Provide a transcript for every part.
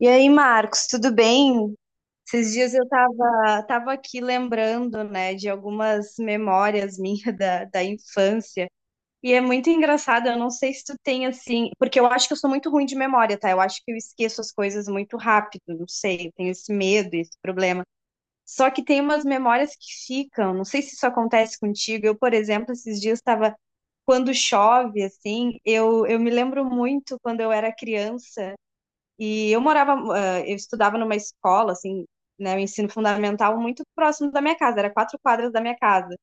E aí, Marcos, tudo bem? Esses dias eu tava aqui lembrando, né, de algumas memórias minhas da infância. E é muito engraçado, eu não sei se tu tem assim, porque eu acho que eu sou muito ruim de memória, tá? Eu acho que eu esqueço as coisas muito rápido, não sei, eu tenho esse medo, esse problema. Só que tem umas memórias que ficam, não sei se isso acontece contigo. Eu, por exemplo, esses dias estava quando chove, assim, eu me lembro muito quando eu era criança. E eu morava, eu estudava numa escola, assim, né, o ensino fundamental muito próximo da minha casa, era quatro quadras da minha casa.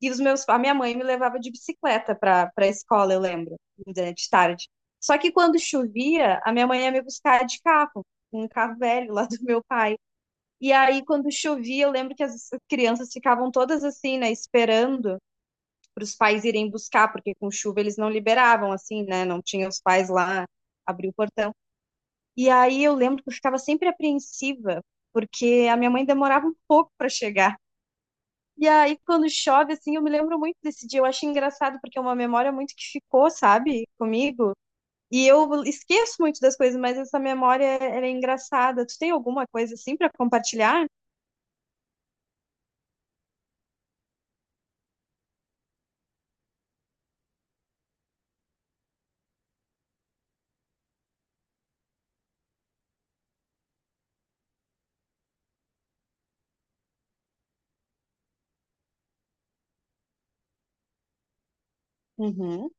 E os meus, a minha mãe me levava de bicicleta para a escola, eu lembro, de tarde. Só que quando chovia, a minha mãe ia me buscar de carro, um carro velho lá do meu pai. E aí, quando chovia, eu lembro que as crianças ficavam todas assim, né, esperando para os pais irem buscar, porque com chuva eles não liberavam, assim, né, não tinha os pais lá abrir o portão. E aí eu lembro que eu ficava sempre apreensiva, porque a minha mãe demorava um pouco para chegar. E aí quando chove, assim, eu me lembro muito desse dia. Eu acho engraçado, porque é uma memória muito que ficou, sabe, comigo. E eu esqueço muito das coisas, mas essa memória era engraçada. Tu tem alguma coisa assim para compartilhar? Uhum.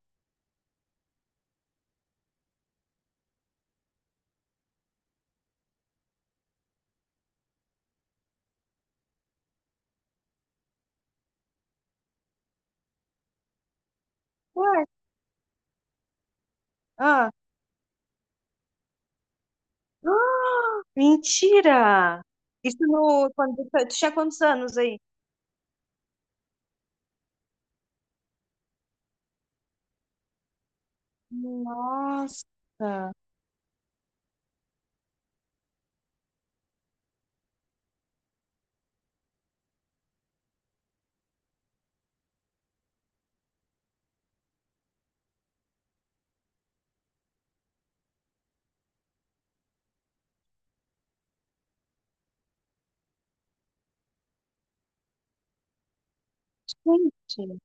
Ué, ah, mentira! Isso no, quando, tu tinha quantos anos aí? Nossa. Gente.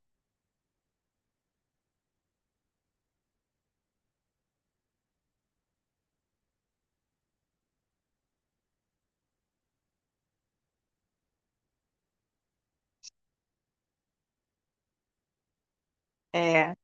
É.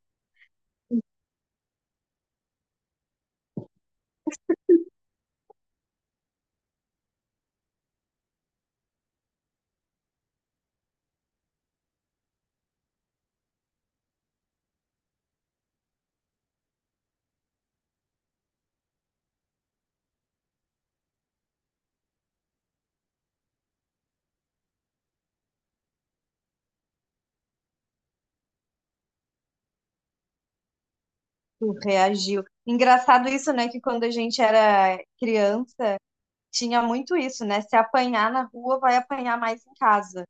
Tu reagiu. Engraçado isso, né? Que quando a gente era criança, tinha muito isso, né? Se apanhar na rua, vai apanhar mais em casa.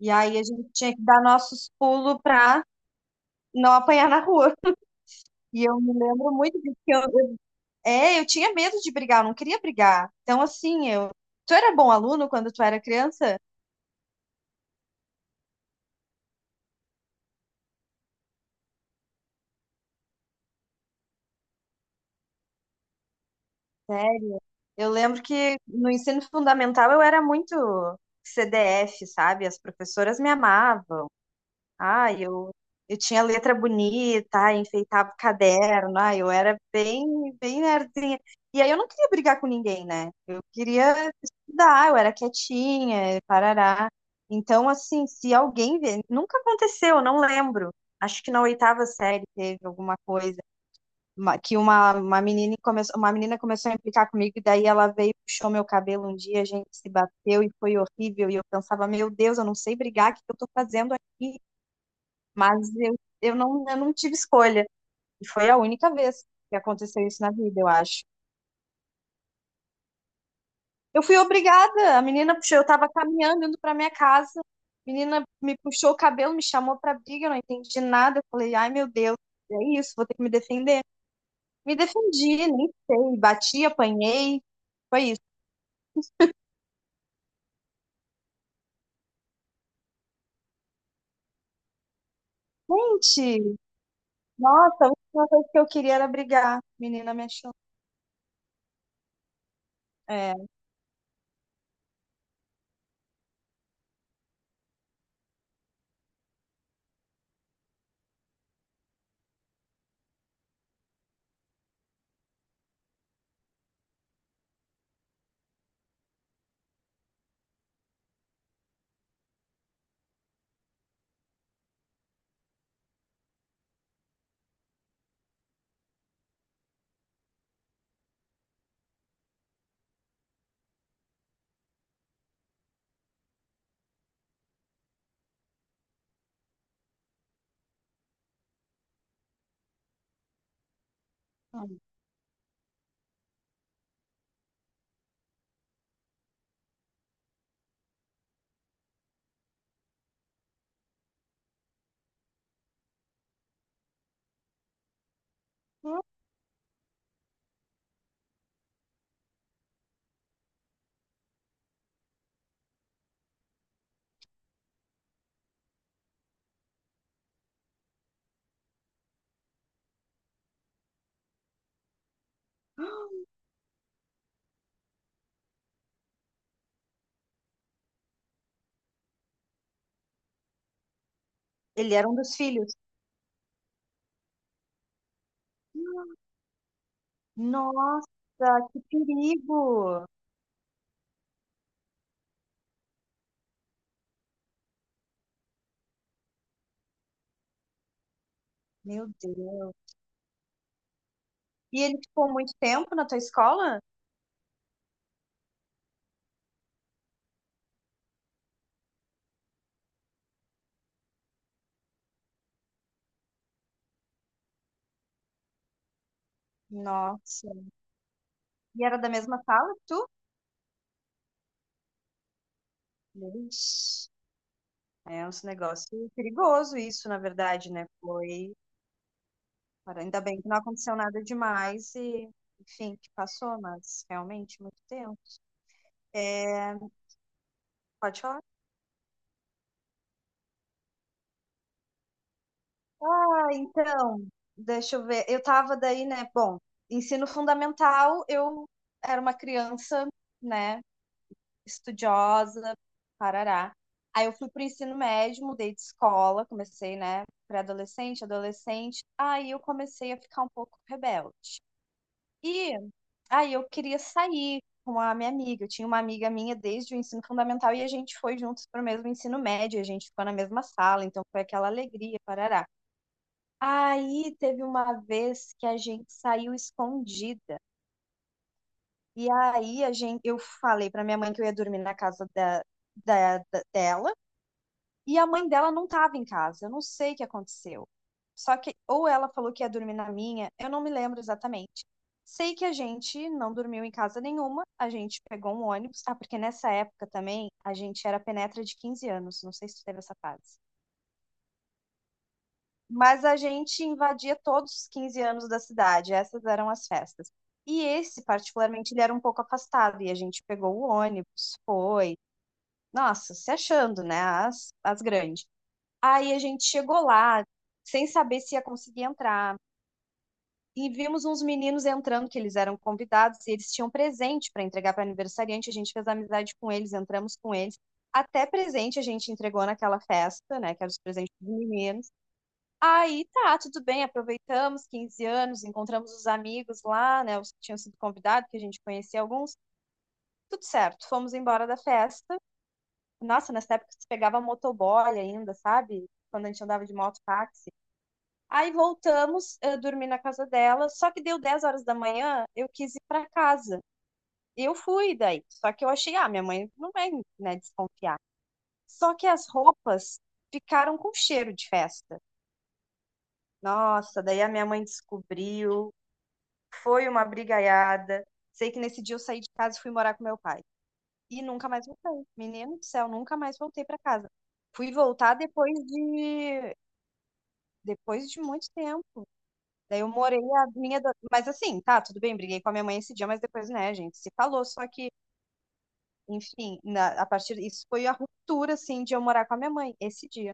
E aí a gente tinha que dar nossos pulos pra não apanhar na rua. E eu me lembro muito disso. Que eu, é, eu tinha medo de brigar, eu não queria brigar. Então, assim, eu. Tu era bom aluno quando tu era criança? Sério? Eu lembro que no ensino fundamental eu era muito CDF, sabe? As professoras me amavam. Ah eu tinha letra bonita, ah, enfeitava o caderno, ah eu era bem, bem nerdzinha. E aí eu não queria brigar com ninguém, né? Eu queria estudar, eu era quietinha, parará. Então, assim, se alguém vê, nunca aconteceu, eu não lembro. Acho que na oitava série teve alguma coisa uma menina começou a implicar comigo e daí ela veio, puxou meu cabelo um dia, a gente se bateu e foi horrível e eu pensava, meu Deus, eu não sei brigar, o que que eu tô fazendo aqui? Mas eu, eu não tive escolha. E foi a única vez que aconteceu isso na vida, eu acho. Eu fui obrigada. A menina puxou, eu tava caminhando, indo pra minha casa. A menina me puxou o cabelo, me chamou pra briga, eu não entendi nada. Eu falei, ai meu Deus, é isso, vou ter que me defender. Me defendi, nem sei. Bati, apanhei. Foi isso. Gente, nossa, a última coisa que eu queria era brigar. A menina me achou. É. Ele era um dos filhos. Nossa, que perigo! Meu Deus. E ele ficou muito tempo na tua escola? Nossa. E era da mesma sala que tu? Ixi, é um negócio perigoso isso, na verdade, né? Foi. Cara, ainda bem que não aconteceu nada demais e, enfim, que passou, mas realmente muito tempo. É, pode falar? Ah, então, deixa eu ver. Eu tava daí, né? Bom, ensino fundamental, eu era uma criança, né? Estudiosa, parará. Aí eu fui pro ensino médio, mudei de escola, comecei, né, pré-adolescente, adolescente. Aí eu comecei a ficar um pouco rebelde. E aí eu queria sair com a minha amiga. Eu tinha uma amiga minha desde o ensino fundamental e a gente foi juntos pro mesmo ensino médio, a gente ficou na mesma sala, então foi aquela alegria, parará. Aí teve uma vez que a gente saiu escondida. E aí a gente, eu falei pra minha mãe que eu ia dormir na casa dela. E a mãe dela não estava em casa, eu não sei o que aconteceu. Só que, ou ela falou que ia dormir na minha, eu não me lembro exatamente. Sei que a gente não dormiu em casa nenhuma, a gente pegou um ônibus. Ah, porque nessa época também a gente era penetra de 15 anos, não sei se tu teve essa fase. Mas a gente invadia todos os 15 anos da cidade, essas eram as festas. E esse, particularmente, ele era um pouco afastado, e a gente pegou o ônibus, foi. Nossa, se achando, né? As grandes. Aí a gente chegou lá, sem saber se ia conseguir entrar. E vimos uns meninos entrando, que eles eram convidados, e eles tinham presente para entregar para aniversariante. A gente fez amizade com eles, entramos com eles. Até presente a gente entregou naquela festa, né? Que era os presentes dos meninos. Aí tá, tudo bem, aproveitamos 15 anos, encontramos os amigos lá, né? Os que tinham sido convidados, que a gente conhecia alguns. Tudo certo, fomos embora da festa. Nossa, nessa época se pegava motoboy ainda, sabe? Quando a gente andava de moto táxi. Aí voltamos, eu dormi na casa dela, só que deu 10 horas da manhã, eu quis ir para casa. Eu fui daí, só que eu achei, ah, minha mãe não vai, né, desconfiar. Só que as roupas ficaram com cheiro de festa. Nossa, daí a minha mãe descobriu, foi uma brigaiada. Sei que nesse dia eu saí de casa e fui morar com meu pai. E nunca mais voltei. Menino do céu, nunca mais voltei para casa. Fui voltar depois de muito tempo. Daí eu morei a minha. Ado- mas assim, tá, tudo bem, briguei com a minha mãe esse dia, mas depois, né, gente, se falou. Só que, enfim, na- a partir. Isso foi a ruptura, assim, de eu morar com a minha mãe esse dia.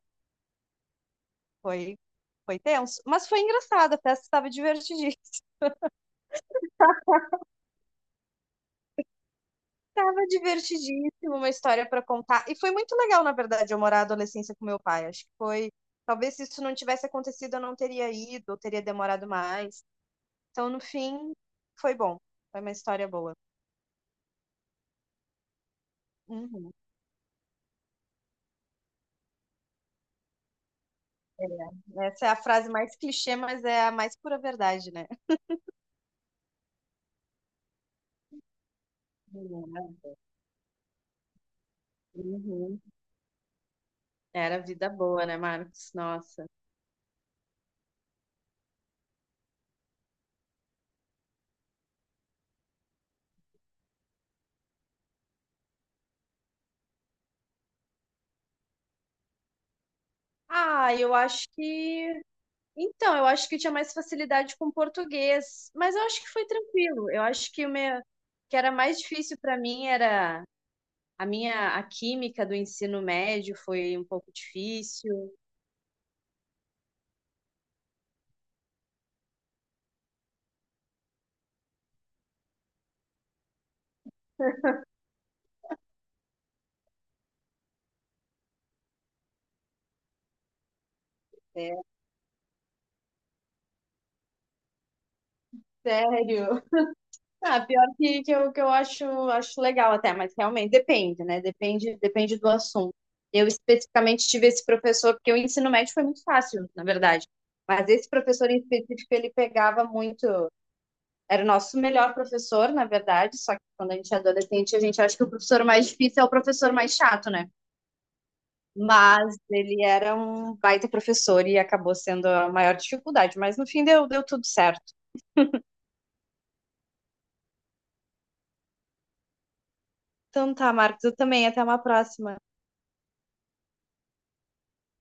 Foi, foi tenso. Mas foi engraçado, a festa estava divertidíssima. Estava divertidíssima, uma história para contar. E foi muito legal, na verdade, eu morar a adolescência com meu pai. Acho que foi. Talvez se isso não tivesse acontecido, eu não teria ido, ou teria demorado mais. Então, no fim, foi bom. Foi uma história boa. Uhum. É, essa é a frase mais clichê, mas é a mais pura verdade, né? É, uhum. Era vida boa, né, Marcos? Nossa. Ah, eu acho que. Então, eu acho que eu tinha mais facilidade com português, mas eu acho que foi tranquilo. Eu acho que o meu... que era mais difícil para mim era a minha a química do ensino médio foi um pouco difícil. Sério? Ah, pior eu, que eu acho, acho legal até, mas realmente depende, né? Depende do assunto. Eu especificamente tive esse professor, porque o ensino médio foi muito fácil, na verdade. Mas esse professor em específico, ele pegava muito. Era o nosso melhor professor, na verdade, só que quando a gente é adolescente, a gente acha que o professor mais difícil é o professor mais chato, né? Mas ele era um baita professor e acabou sendo a maior dificuldade. Mas no fim deu tudo certo. Então tá, Marcos, eu também. Até uma próxima.